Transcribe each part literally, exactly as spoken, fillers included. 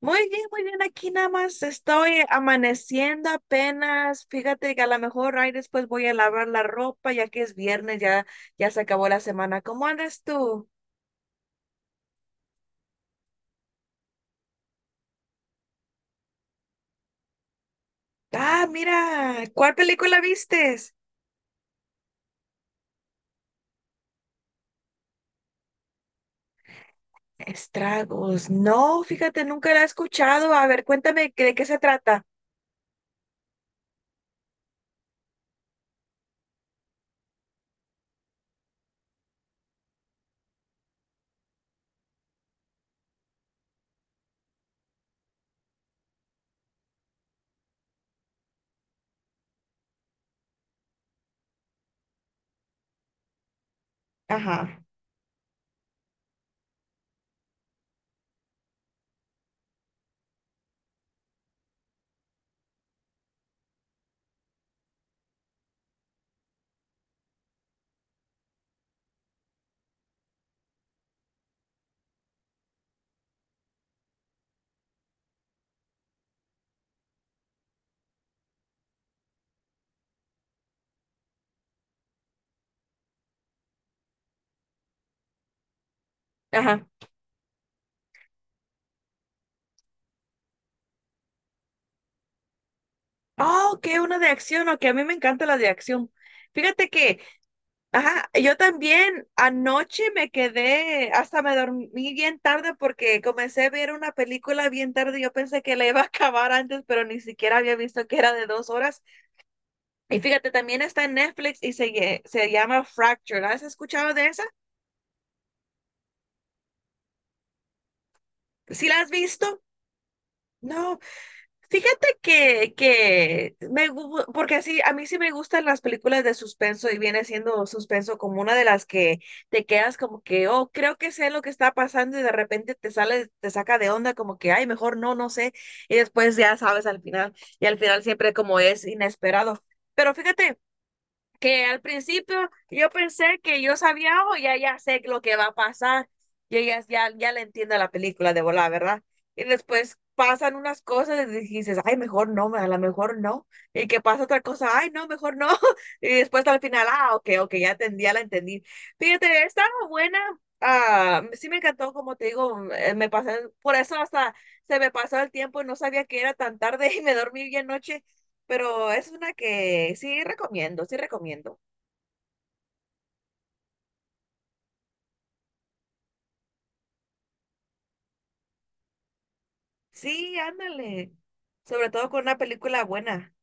Muy bien, muy bien. Aquí nada más estoy amaneciendo apenas. Fíjate que a lo mejor ahí después voy a lavar la ropa, ya que es viernes, ya, ya se acabó la semana. ¿Cómo andas tú? Ah, mira, ¿cuál película vistes? Estragos. No, fíjate, nunca la he escuchado. A ver, cuéntame que- de qué se trata. Ajá, ajá. Oh, que una de acción, ok, a mí me encanta la de acción. Fíjate que ajá, yo también anoche me quedé, hasta me dormí bien tarde porque comencé a ver una película bien tarde. Yo pensé que la iba a acabar antes, pero ni siquiera había visto que era de dos horas. Y fíjate, también está en Netflix y se, lle- se llama Fracture. ¿Has escuchado de esa? ¿Sí la has visto? No, fíjate que, que me, gu- porque así a mí sí me gustan las películas de suspenso y viene siendo suspenso como una de las que te quedas como que, oh, creo que sé lo que está pasando y de repente te sale, te saca de onda como que, ay, mejor no, no sé. Y después ya sabes al final y al final siempre como es inesperado. Pero fíjate que al principio yo pensé que yo sabía, o ya, ya sé lo que va a pasar, yo ya, ya, ya le entiendo a la película de volar, ¿verdad? Y después pasan unas cosas y dices, ay, mejor no, a lo mejor no, y que pasa otra cosa, ay, no, mejor no, y después al final, ah, ok, ok, ya entendí, ya la entendí. Fíjate, estaba buena, ah, sí me encantó, como te digo, eh, me pasé, por eso hasta se me pasó el tiempo y no sabía que era tan tarde y me dormí bien noche, pero es una que sí recomiendo, sí recomiendo. Sí, ándale. Sobre todo con una película buena.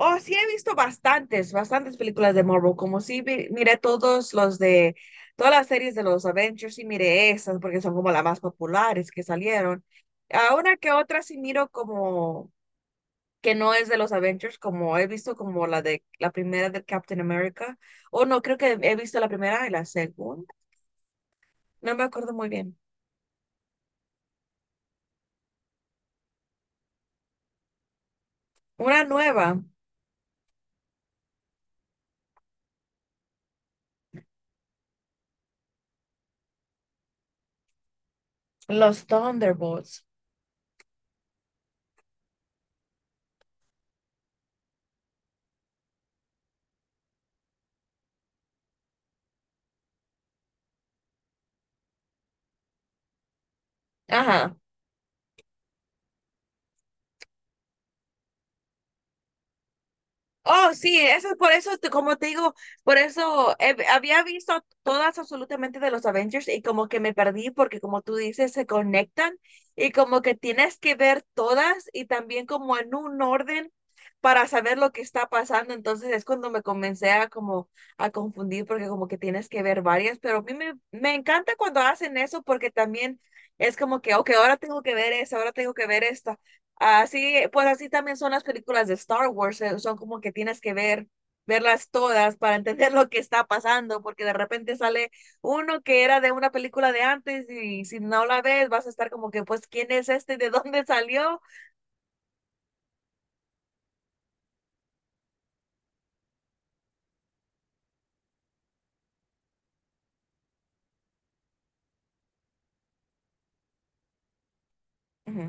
Oh, sí he visto bastantes, bastantes películas de Marvel. Como sí vi- miré todos los de, todas las series de los Avengers, sí miré esas porque son como las más populares que salieron. A una que otra sí miro como que no es de los Avengers, como he visto como la de la primera de Captain America. O no, creo que he visto la primera y la segunda. No me acuerdo muy bien. Una nueva. Los Thunderbolts. Ajá. Oh, sí, eso es por eso, te- como te digo, por eso eh, había visto todas absolutamente de los Avengers y como que me perdí porque como tú dices, se conectan y como que tienes que ver todas y también como en un orden para saber lo que está pasando. Entonces es cuando me comencé a como a confundir porque como que tienes que ver varias, pero a mí me, me encanta cuando hacen eso porque también es como que, ok, ahora tengo que ver esa, ahora tengo que ver esta. Así, pues así también son las películas de Star Wars, eh, son como que tienes que ver, verlas todas para entender lo que está pasando, porque de repente sale uno que era de una película de antes y si no la ves vas a estar como que, pues, ¿quién es este? ¿De dónde salió? Ujú.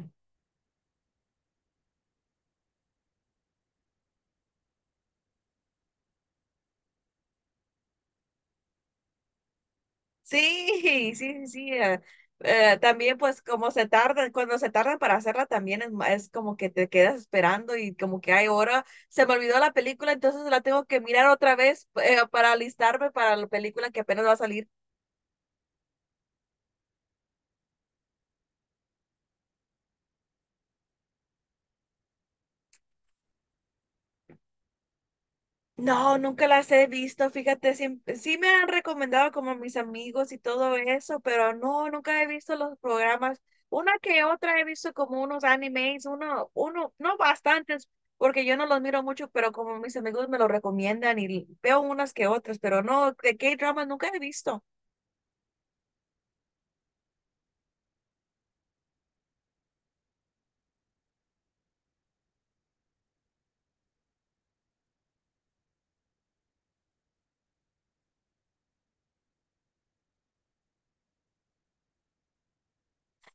Sí, sí, sí. eh, eh, también pues como se tardan, cuando se tardan para hacerla también es, ma- es como que te quedas esperando y como que hay hora, se me olvidó la película, entonces la tengo que mirar otra vez eh, para alistarme para la película que apenas va a salir. No, nunca las he visto, fíjate, siempre, sí me han recomendado como mis amigos y todo eso, pero no, nunca he visto los programas. Una que otra he visto como unos animes, uno, uno, no bastantes, porque yo no los miro mucho, pero como mis amigos me lo recomiendan y veo unas que otras, pero no, de K-dramas nunca he visto.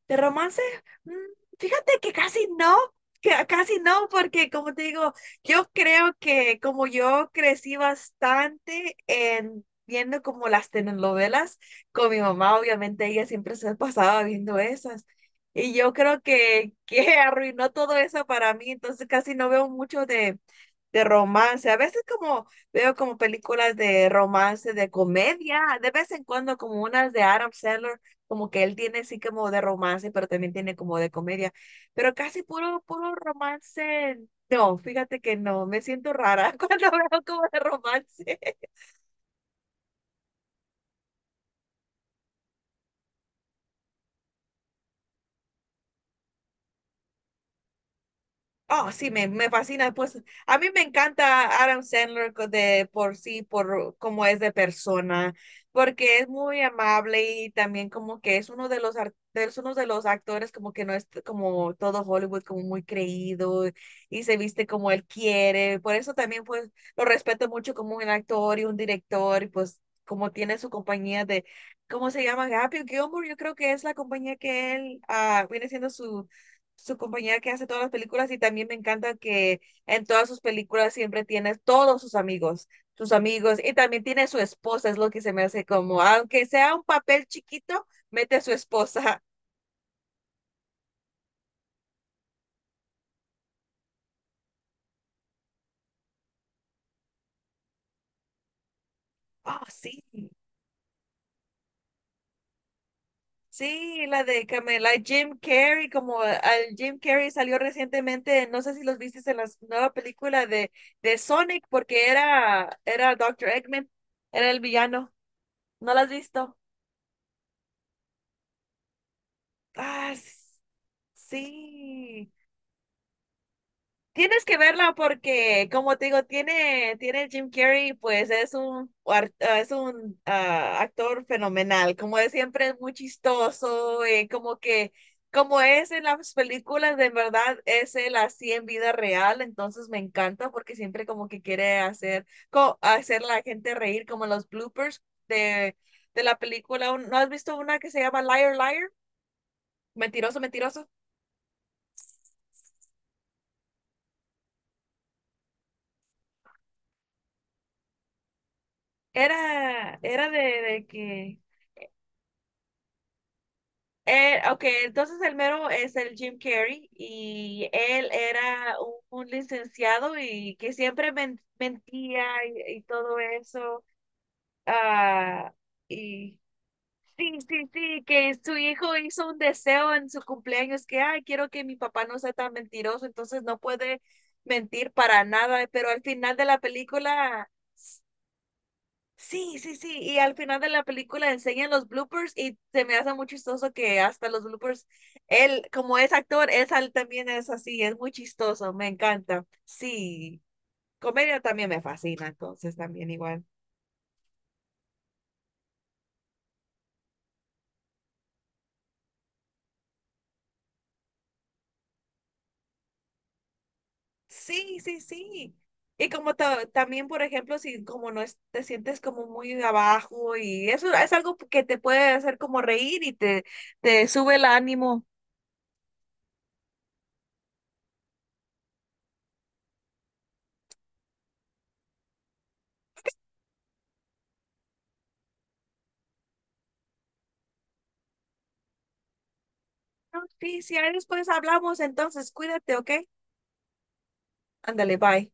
De romance, mm, fíjate que casi no, que casi no, porque como te digo, yo creo que como yo crecí bastante en viendo como las telenovelas con mi mamá, obviamente ella siempre se pasaba viendo esas. Y yo creo que, que arruinó todo eso para mí, entonces casi no veo mucho de, de romance. A veces como veo como películas de romance, de comedia, de vez en cuando como unas de Adam Sandler como que él tiene sí como de romance, pero también tiene como de comedia. Pero casi puro, puro romance. No, fíjate que no, me siento rara cuando veo como de romance. Oh, sí, me, me fascina. Pues a mí me encanta Adam Sandler co- de por sí, por cómo es de persona, porque es muy amable y también como que es uno de los ar- es uno de los actores como que no es t- como todo Hollywood, como muy creído y se viste como él quiere. Por eso también pues lo respeto mucho como un actor y un director y pues como tiene su compañía de, ¿cómo se llama? Happy Gilmore, yo creo que es la compañía que él ah, viene siendo su su compañera que hace todas las películas y también me encanta que en todas sus películas siempre tiene todos sus amigos, sus amigos y también tiene su esposa, es lo que se me hace como, aunque sea un papel chiquito, mete a su esposa. Ah, sí, sí, la de Camela, Jim Carrey, como al Jim Carrey salió recientemente, no sé si los viste en la nueva película de, de Sonic, porque era, era Doctor Eggman, era el villano, ¿no la has visto? Ah, sí. Tienes que verla porque, como te digo, tiene, tiene Jim Carrey, pues es un, ar- ah, es un ah, actor fenomenal. Como de siempre, es muy chistoso, eh, como que, como es en las películas, de verdad es él así en vida real. Entonces me encanta porque siempre como que quiere hacer, co- hacer la gente reír, como los bloopers de, de la película. ¿No has visto una que se llama Liar Liar? Mentiroso, mentiroso. Era, era de de que Eh, ok, entonces el mero es el Jim Carrey y él era un, un licenciado y que siempre men- mentía y, y todo eso. Ah, y sí, sí, sí, que su hijo hizo un deseo en su cumpleaños que, ay, quiero que mi papá no sea tan mentiroso, entonces no puede mentir para nada, pero al final de la película sí, sí, sí, y al final de la película enseñan los bloopers y se me hace muy chistoso que hasta los bloopers, él, como es actor, es, al- también es así, es muy chistoso, me encanta. Sí, comedia también me fascina, entonces también igual. Sí, sí, sí. Y como ta- también, por ejemplo, si como no es- te sientes como muy abajo y eso es algo que te puede hacer como reír y te, te sube el ánimo. No, sí, si ahí después hablamos, entonces cuídate, ¿ok? Ándale, bye.